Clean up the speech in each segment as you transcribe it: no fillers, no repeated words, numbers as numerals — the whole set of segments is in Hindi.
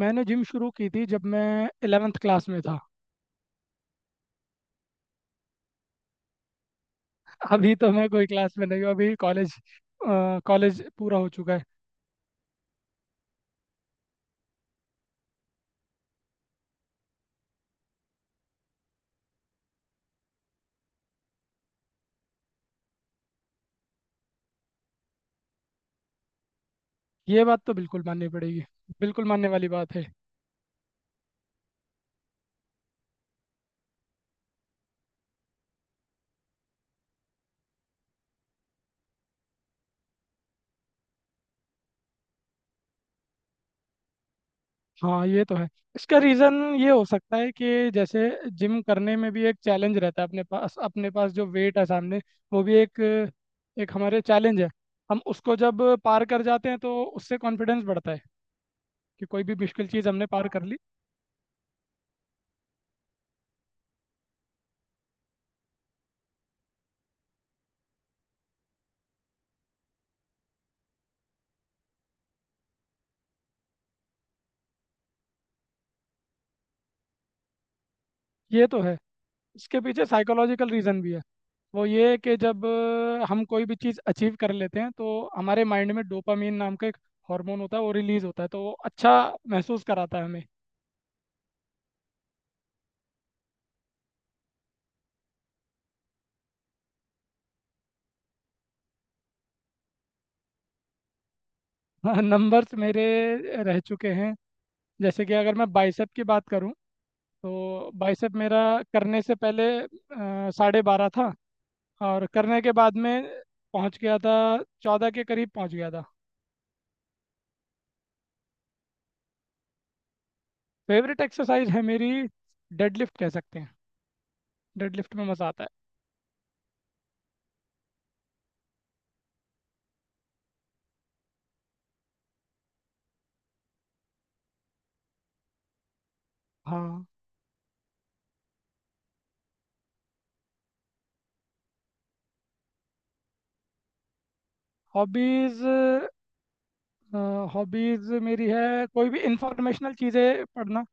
मैंने जिम शुरू की थी जब मैं 11th क्लास में था। अभी तो मैं कोई क्लास में नहीं हूँ, अभी कॉलेज कॉलेज पूरा हो चुका है। ये बात तो बिल्कुल माननी पड़ेगी, बिल्कुल मानने वाली बात है। हाँ, ये तो है। इसका रीज़न ये हो सकता है कि जैसे जिम करने में भी एक चैलेंज रहता है। अपने पास जो वेट है सामने, वो भी एक एक हमारे चैलेंज है। हम उसको जब पार कर जाते हैं तो उससे कॉन्फिडेंस बढ़ता है कि कोई भी मुश्किल चीज़ हमने पार कर ली। ये तो है, इसके पीछे साइकोलॉजिकल रीज़न भी है। वो ये है कि जब हम कोई भी चीज़ अचीव कर लेते हैं तो हमारे माइंड में डोपामीन नाम का एक हार्मोन होता है, वो रिलीज़ होता है, तो वो अच्छा महसूस कराता है हमें। नंबर्स मेरे रह चुके हैं जैसे कि अगर मैं बाइसेप की बात करूं, तो बाइसेप मेरा करने से पहले 12.5 था और करने के बाद में पहुंच गया था, 14 के करीब पहुंच गया था। फेवरेट एक्सरसाइज है मेरी, डेडलिफ्ट कह सकते हैं। डेडलिफ्ट में मज़ा आता है। हाँ। हॉबीज, मेरी है कोई भी इंफॉर्मेशनल चीज़ें पढ़ना।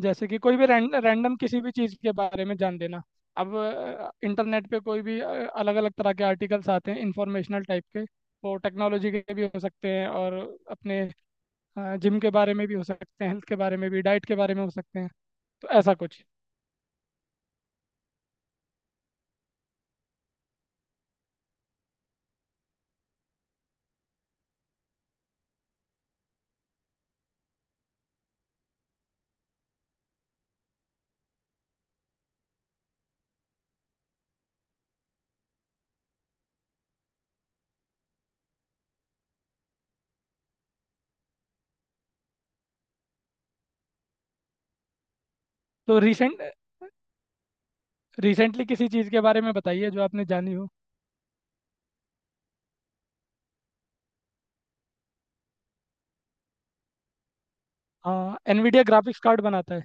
जैसे कि कोई भी रैंडम किसी भी चीज़ के बारे में जान लेना। अब इंटरनेट पे कोई भी अलग अलग तरह के आर्टिकल्स आते हैं इंफॉर्मेशनल टाइप के। वो टेक्नोलॉजी के भी हो सकते हैं और अपने जिम के बारे में भी हो सकते हैं, हेल्थ के बारे में भी, डाइट के बारे में हो सकते हैं। तो ऐसा कुछ। तो रिसेंट रिसेंटली किसी चीज़ के बारे में बताइए जो आपने जानी हो। हाँ, एनवीडिया ग्राफिक्स कार्ड बनाता है।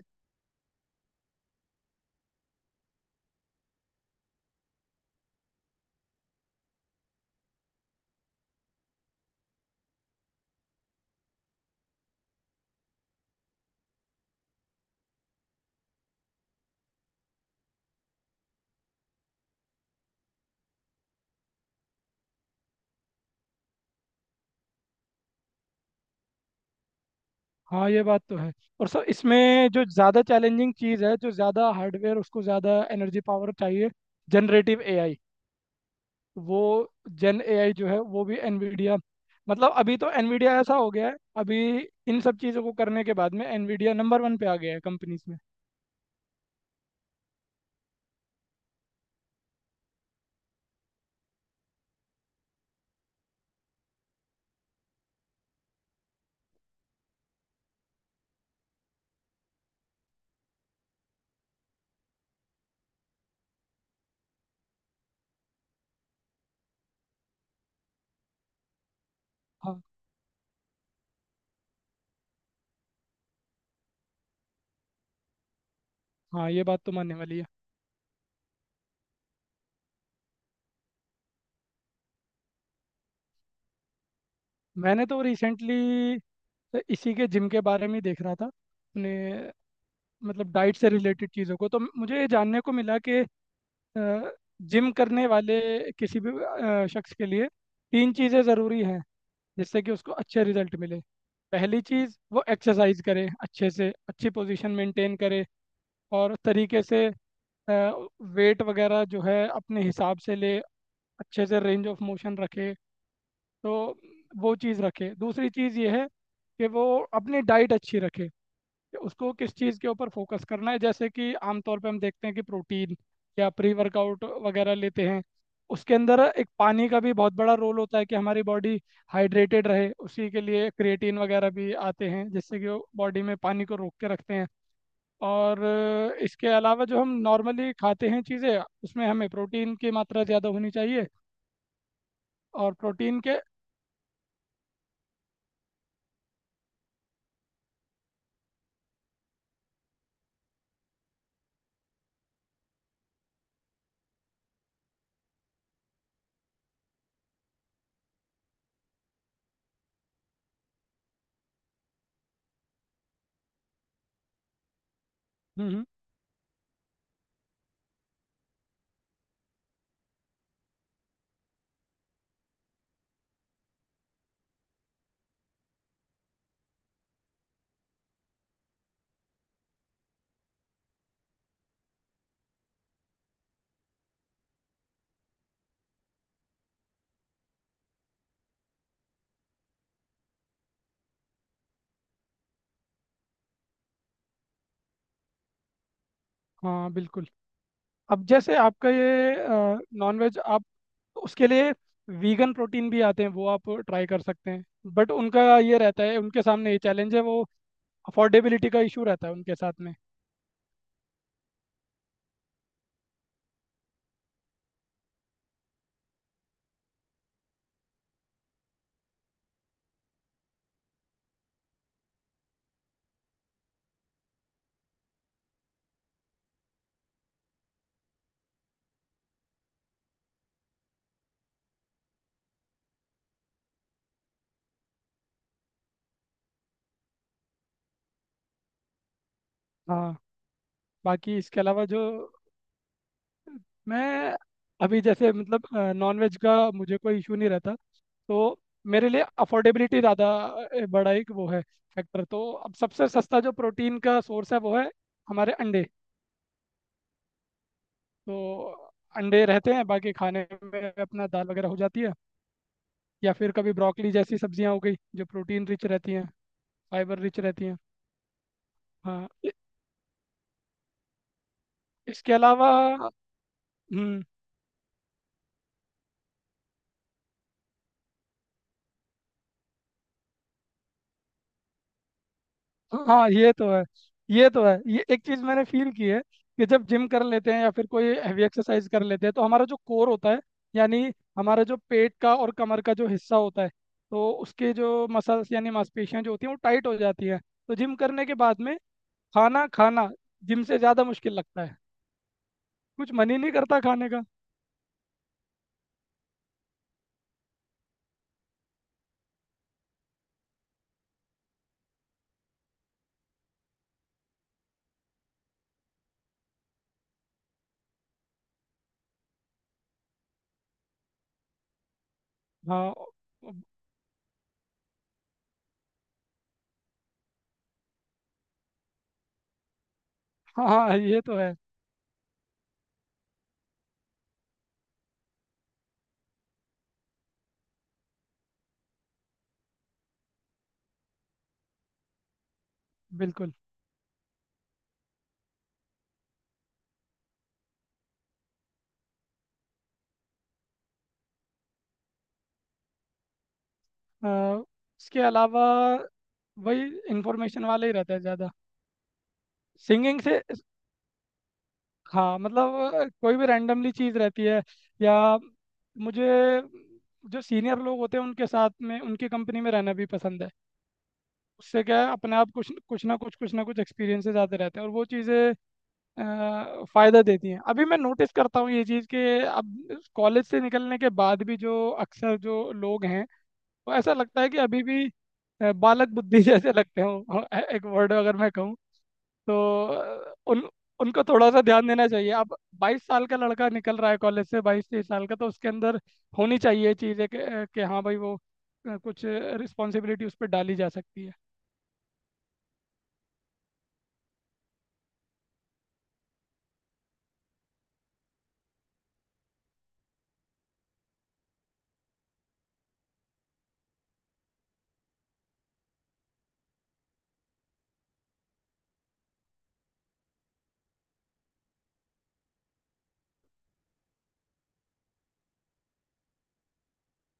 हाँ ये बात तो है। और सर इसमें जो ज़्यादा चैलेंजिंग चीज़ है, जो ज़्यादा हार्डवेयर उसको ज़्यादा एनर्जी पावर चाहिए, जनरेटिव एआई। वो जन एआई जो है वो भी एनवीडिया, मतलब अभी तो एनवीडिया ऐसा हो गया है। अभी इन सब चीज़ों को करने के बाद में एनवीडिया नंबर वन पे आ गया है कंपनीज में। हाँ, हाँ, ये बात तो मानने वाली है। मैंने तो रिसेंटली इसी के जिम के बारे में ही देख रहा था अपने, मतलब डाइट से रिलेटेड चीज़ों को। तो मुझे ये जानने को मिला कि जिम करने वाले किसी भी शख्स के लिए 3 चीज़ें ज़रूरी हैं जिससे कि उसको अच्छे रिजल्ट मिले। पहली चीज़, वो एक्सरसाइज करे अच्छे से, अच्छी पोजीशन मेंटेन करे और तरीके से वेट वगैरह जो है अपने हिसाब से ले, अच्छे से रेंज ऑफ मोशन रखे। तो वो चीज़ रखे। दूसरी चीज़ ये है कि वो अपनी डाइट अच्छी रखे, कि उसको किस चीज़ के ऊपर फोकस करना है। जैसे कि आमतौर पे हम देखते हैं कि प्रोटीन या प्री वर्कआउट वगैरह लेते हैं, उसके अंदर एक पानी का भी बहुत बड़ा रोल होता है, कि हमारी बॉडी हाइड्रेटेड रहे। उसी के लिए क्रिएटिन वगैरह भी आते हैं, जिससे कि वो बॉडी में पानी को रोक के रखते हैं। और इसके अलावा जो हम नॉर्मली खाते हैं चीज़ें, उसमें हमें प्रोटीन की मात्रा ज़्यादा होनी चाहिए। और प्रोटीन के। हम्म, हम्म, हाँ बिल्कुल। अब जैसे आपका ये नॉनवेज आप, तो उसके लिए वीगन प्रोटीन भी आते हैं, वो आप ट्राई कर सकते हैं। बट उनका ये रहता है, उनके सामने ये चैलेंज है वो, अफोर्डेबिलिटी का इशू रहता है उनके साथ में। हाँ। बाकी इसके अलावा जो मैं, अभी जैसे मतलब नॉनवेज का मुझे कोई इशू नहीं रहता। तो मेरे लिए अफोर्डेबिलिटी ज़्यादा बड़ा एक वो है फैक्टर। तो अब सबसे सस्ता जो प्रोटीन का सोर्स है, वो है हमारे अंडे। तो अंडे रहते हैं, बाकी खाने में अपना दाल वगैरह हो जाती है, या फिर कभी ब्रोकली जैसी सब्जियां हो गई जो प्रोटीन रिच रहती हैं, फाइबर रिच रहती हैं। हाँ इ- इसके अलावा। हम्म। हाँ, ये तो है, ये तो है। ये एक चीज़ मैंने फील की है कि जब जिम कर लेते हैं या फिर कोई हैवी एक्सरसाइज कर लेते हैं, तो हमारा जो कोर होता है, यानी हमारा जो पेट का और कमर का जो हिस्सा होता है, तो उसके जो मसल्स यानी मांसपेशियां जो होती हैं वो टाइट हो जाती हैं। तो जिम करने के बाद में खाना खाना जिम से ज़्यादा मुश्किल लगता है, कुछ मन ही नहीं करता खाने का। हाँ, हाँ। हाँ ये तो है। बिल्कुल। अ, इसके अलावा वही इंफॉर्मेशन वाला ही रहता है ज़्यादा। सिंगिंग से, हाँ, मतलब कोई भी रैंडमली चीज़ रहती है, या मुझे जो सीनियर लोग होते हैं उनके साथ में, उनकी कंपनी में रहना भी पसंद है। उससे क्या है, अपने आप कुछ कुछ ना कुछ एक्सपीरियंसेस आते रहते हैं, और वो चीज़ें फ़ायदा देती हैं। अभी मैं नोटिस करता हूँ ये चीज़, कि अब कॉलेज से निकलने के बाद भी जो अक्सर जो लोग हैं, तो ऐसा लगता है कि अभी भी बालक बुद्धि जैसे लगते हो, एक वर्ड अगर मैं कहूँ। तो अ, उन उनको थोड़ा सा ध्यान देना चाहिए अब। 22 साल का लड़का निकल रहा है कॉलेज से, 22 23 साल का, तो उसके अंदर होनी चाहिए चीज़ें कि, कि हाँ भाई वो कुछ रिस्पॉन्सिबिलिटी उस पर डाली जा सकती है।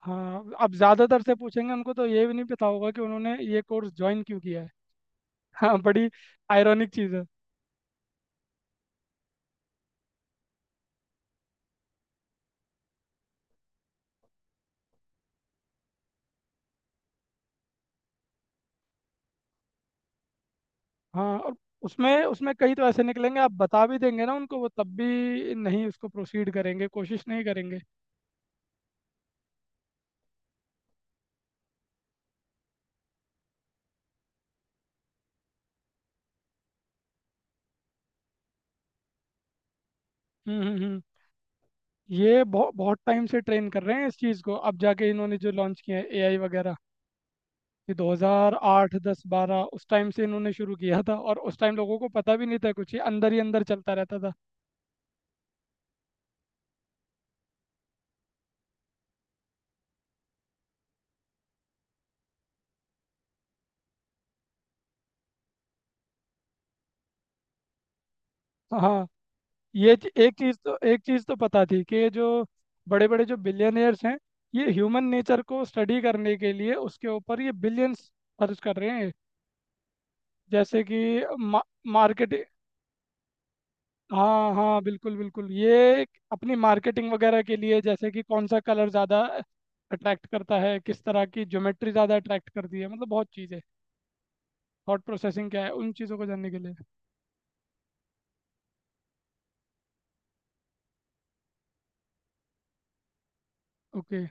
हाँ अब ज़्यादातर से पूछेंगे उनको तो ये भी नहीं पता होगा कि उन्होंने ये कोर्स ज्वाइन क्यों किया है। हाँ, बड़ी आयरॉनिक चीज़ है। हाँ। और उसमें उसमें कई तो ऐसे निकलेंगे, आप बता भी देंगे ना उनको, वो तब भी नहीं उसको प्रोसीड करेंगे, कोशिश नहीं करेंगे। हम्म हम्म हम्म। ये बहुत बहुत टाइम से ट्रेन कर रहे हैं इस चीज़ को, अब जाके इन्होंने जो लॉन्च किया है एआई वगैरह। ये 2008 10 12 उस टाइम से इन्होंने शुरू किया था, और उस टाइम लोगों को पता भी नहीं था कुछ, ये अंदर ही अंदर चलता रहता था। हाँ, एक चीज़ तो पता थी कि ये जो बड़े बड़े जो बिलियनियर्स हैं, ये ह्यूमन नेचर को स्टडी करने के लिए उसके ऊपर ये बिलियंस खर्च कर रहे हैं। जैसे कि मा, मार्केट, हाँ हाँ बिल्कुल बिल्कुल, ये एक अपनी मार्केटिंग वगैरह के लिए, जैसे कि कौन सा कलर ज़्यादा अट्रैक्ट करता है, किस तरह की ज्योमेट्री ज़्यादा अट्रैक्ट करती है, मतलब बहुत चीज़ें, थॉट प्रोसेसिंग क्या है, उन चीज़ों को जानने के लिए। ओके।